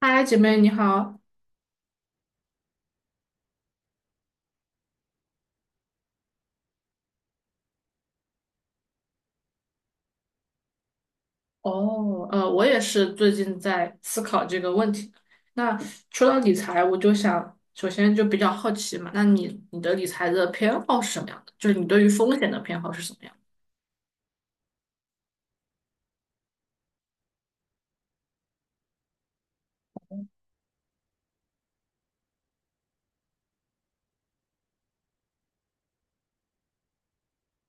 嗨，姐妹你好。我也是最近在思考这个问题。那说到理财，我就想首先就比较好奇嘛，那你的理财的偏好是什么样的？就是你对于风险的偏好是什么样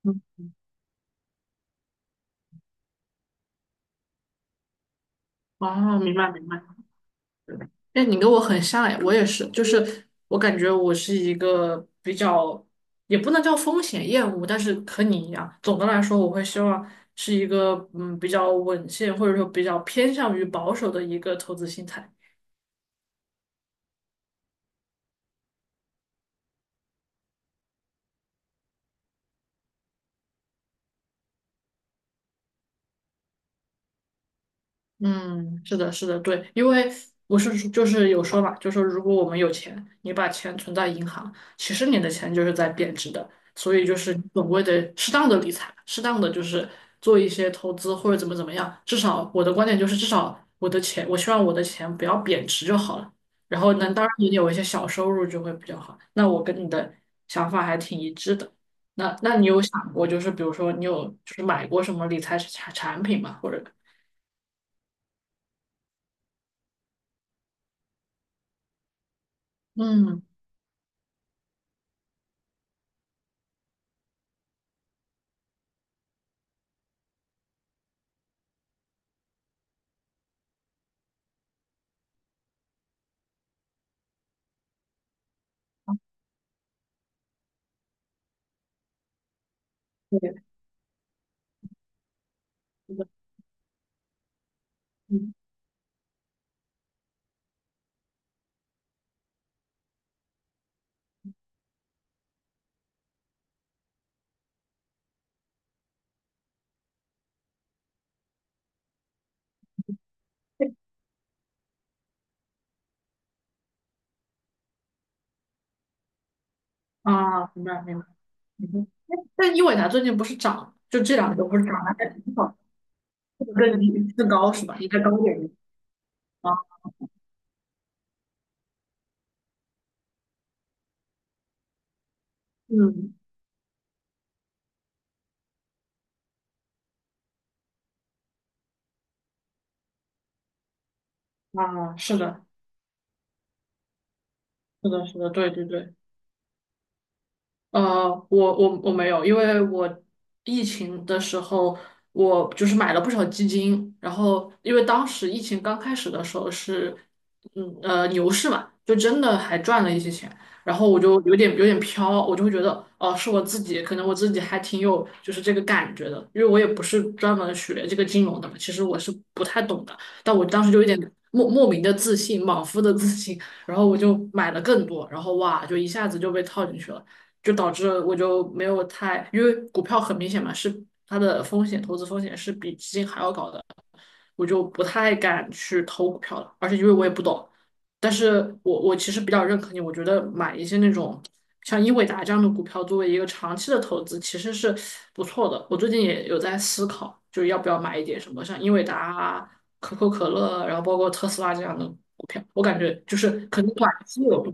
的。嗯，哦，明白明白。哎，你跟我很像哎，我也是，就是我感觉我是一个比较，也不能叫风险厌恶，但是和你一样，总的来说，我会希望是一个比较稳健，或者说比较偏向于保守的一个投资心态。嗯，是的，是的，对，因为我是说就是有说嘛，就说如果我们有钱，你把钱存在银行，其实你的钱就是在贬值的，所以就是你总归得适当的理财，适当的就是做一些投资或者怎么怎么样，至少我的观点就是至少我的钱，我希望我的钱不要贬值就好了，然后能当然你有一些小收入就会比较好，那我跟你的想法还挺一致的。那你有想过，就是比如说你有就是买过什么理财产产品吗？或者嗯。嗯。啊，明白明白。嗯哼。但英伟达最近不是涨了？就这两个都不是涨了，还挺好。这个更高是吧？应该高点啊。嗯。啊，是的，是的，是的，对对对。我没有，因为我疫情的时候，我就是买了不少基金，然后因为当时疫情刚开始的时候是，牛市嘛，就真的还赚了一些钱，然后我就有点飘，我就会觉得哦是我自己，可能我自己还挺有就是这个感觉的，因为我也不是专门学这个金融的嘛，其实我是不太懂的，但我当时就有点莫名的自信，莽夫的自信，然后我就买了更多，然后哇就一下子就被套进去了。就导致我就没有太，因为股票很明显嘛，是它的风险，投资风险是比基金还要高的，我就不太敢去投股票了，而且因为我也不懂，但是我其实比较认可你，我觉得买一些那种像英伟达这样的股票作为一个长期的投资，其实是不错的。我最近也有在思考，就要不要买一点什么像英伟达啊、可口可乐啊，然后包括特斯拉这样的股票，我感觉就是可能短期有。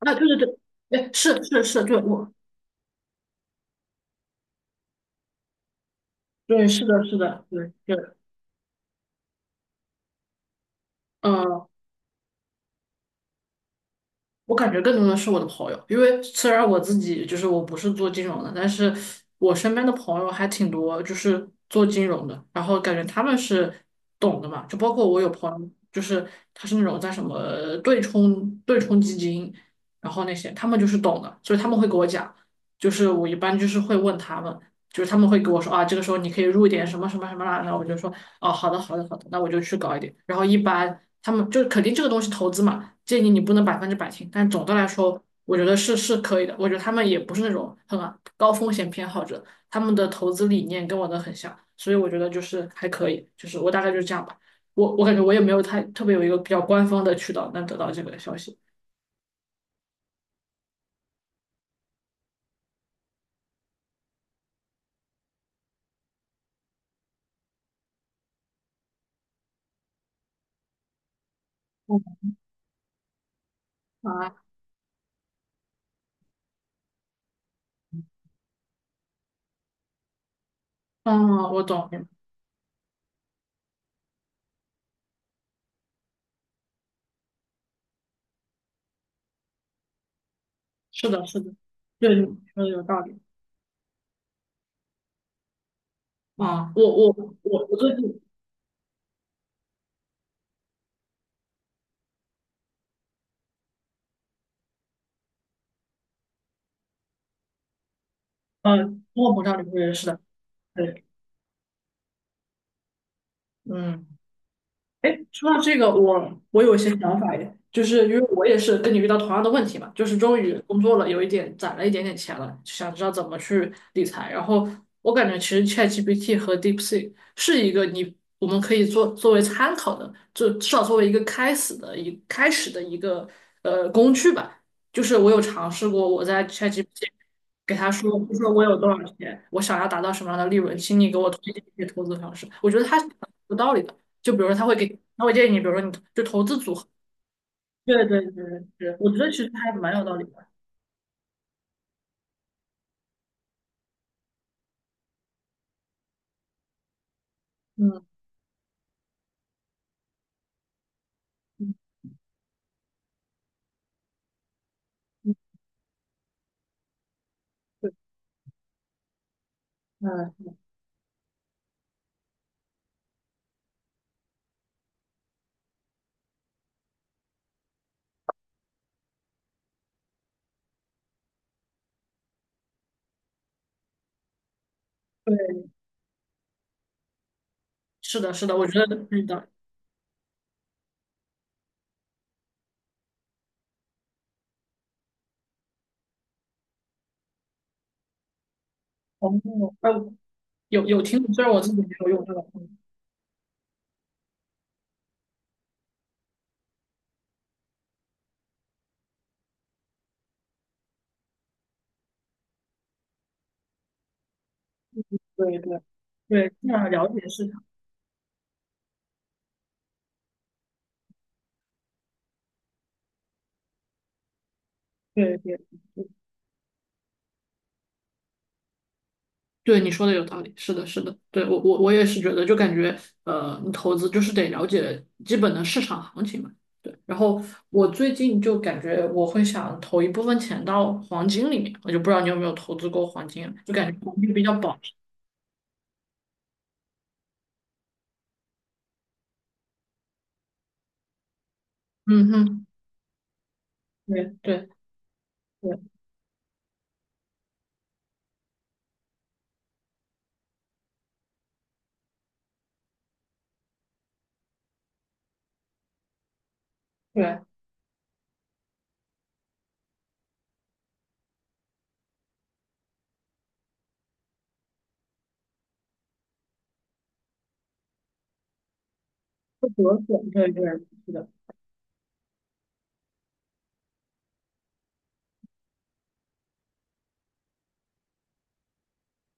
啊，对对对，哎，是是是，对我。对，是的，是的，对，对。嗯，我感觉更多的是我的朋友，因为虽然我自己就是我不是做金融的，但是我身边的朋友还挺多，就是做金融的，然后感觉他们是懂的嘛，就包括我有朋友，就是他是那种在什么对冲基金，然后那些他们就是懂的，所以他们会给我讲，就是我一般就是会问他们，就是他们会给我说啊，这个时候你可以入一点什么什么什么啦，然后我就说哦，好的，好的，好的，那我就去搞一点，然后一般。他们就是肯定这个东西投资嘛，建议你不能百分之百听，但总的来说，我觉得是可以的。我觉得他们也不是那种很高风险偏好者，他们的投资理念跟我的很像，所以我觉得就是还可以，就是我大概就是这样吧。我感觉我也没有太特别有一个比较官方的渠道能得到这个消息。嗯。啊，嗯，我懂。是的，是的，对，你说的有道理。啊，我最近，嗯，通货膨胀率不也是的，对，嗯。哎，说到这个，我有一些想法耶，就是因为我也是跟你遇到同样的问题嘛，就是终于工作了，有一点攒了一点点钱了，想知道怎么去理财。然后我感觉其实 ChatGPT 和 DeepSeek 是一个我们可以做作为参考的，就至少作为一个开始的一开始的一个工具吧。就是我有尝试过，我在 ChatGPT 给他说，就说我有多少钱，我想要达到什么样的利润，请你给我推荐一些投资方式。我觉得他是很有道理的。就比如说他会给，他会建议你，比如说你就投资组合。对对对对，对我觉得其实还蛮有道理的。嗯。嗯，对，嗯。对，是的，是的，我觉得是的。哦，哎，有有听，虽然我自己没有用这个，嗯。对对对，这样了解市场。对对。对你说的有道理，是的，是的，对，我也是觉得，就感觉你投资就是得了解基本的市场行情嘛。对，然后我最近就感觉我会想投一部分钱到黄金里面，我就不知道你有没有投资过黄金啊，就感觉黄金比较保值。嗯哼。对对对对，会折损，对对，是的。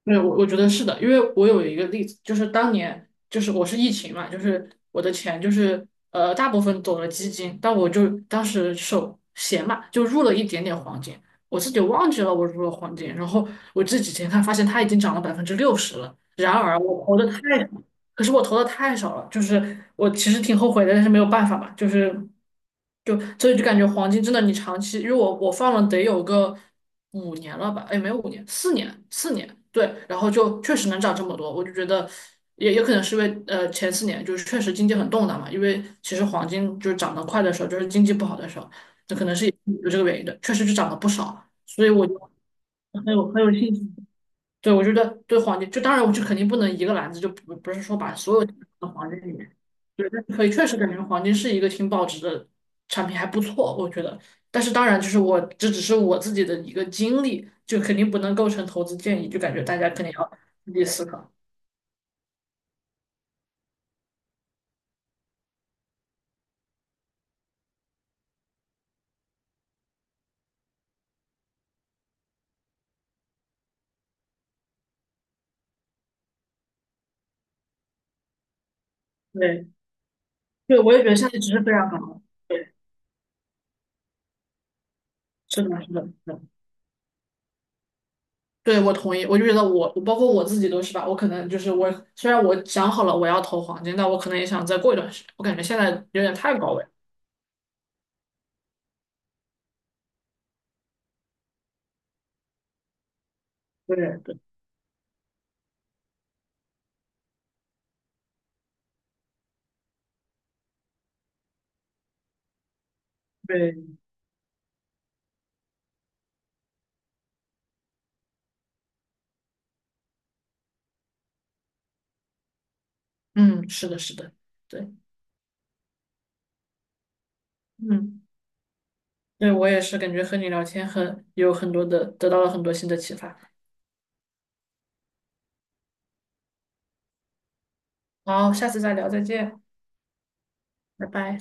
没有，我觉得是的，因为我有一个例子，就是当年就是我是疫情嘛，就是我的钱就是大部分走了基金，但我就当时手闲嘛，就入了一点点黄金，我自己忘记了我入了黄金，然后我这几天看发现它已经涨了60%了，然而我投的太。可是我投的太少了，就是我其实挺后悔的，但是没有办法嘛，就是就所以就感觉黄金真的你长期，因为我放了得有个五年了吧，哎，没有5年，四年，四年，对，然后就确实能涨这么多，我就觉得也可能是因为前4年就是确实经济很动荡嘛，因为其实黄金就是涨得快的时候，就是经济不好的时候，这可能是有这个原因的，确实就涨了不少，所以我就很有很有信心。对，我觉得对黄金，就当然我就肯定不能一个篮子，就不是说把所有的放到黄金里面。对，但是可以确实感觉黄金是一个挺保值的产品，还不错，我觉得。但是当然，就是我这只是我自己的一个经历，就肯定不能构成投资建议，就感觉大家肯定要自己思考。对，对，我也觉得现在值是非常高。对，是的，是的，是的。对，我同意。我就觉得我，我包括我自己都是吧。我可能就是我，虽然我想好了我要投黄金，但我可能也想再过一段时间。我感觉现在有点太高位了。对对。对，嗯，是的，是的，对，嗯，对我也是感觉和你聊天很有很多的，得到了很多新的启发。好，下次再聊，再见，拜拜。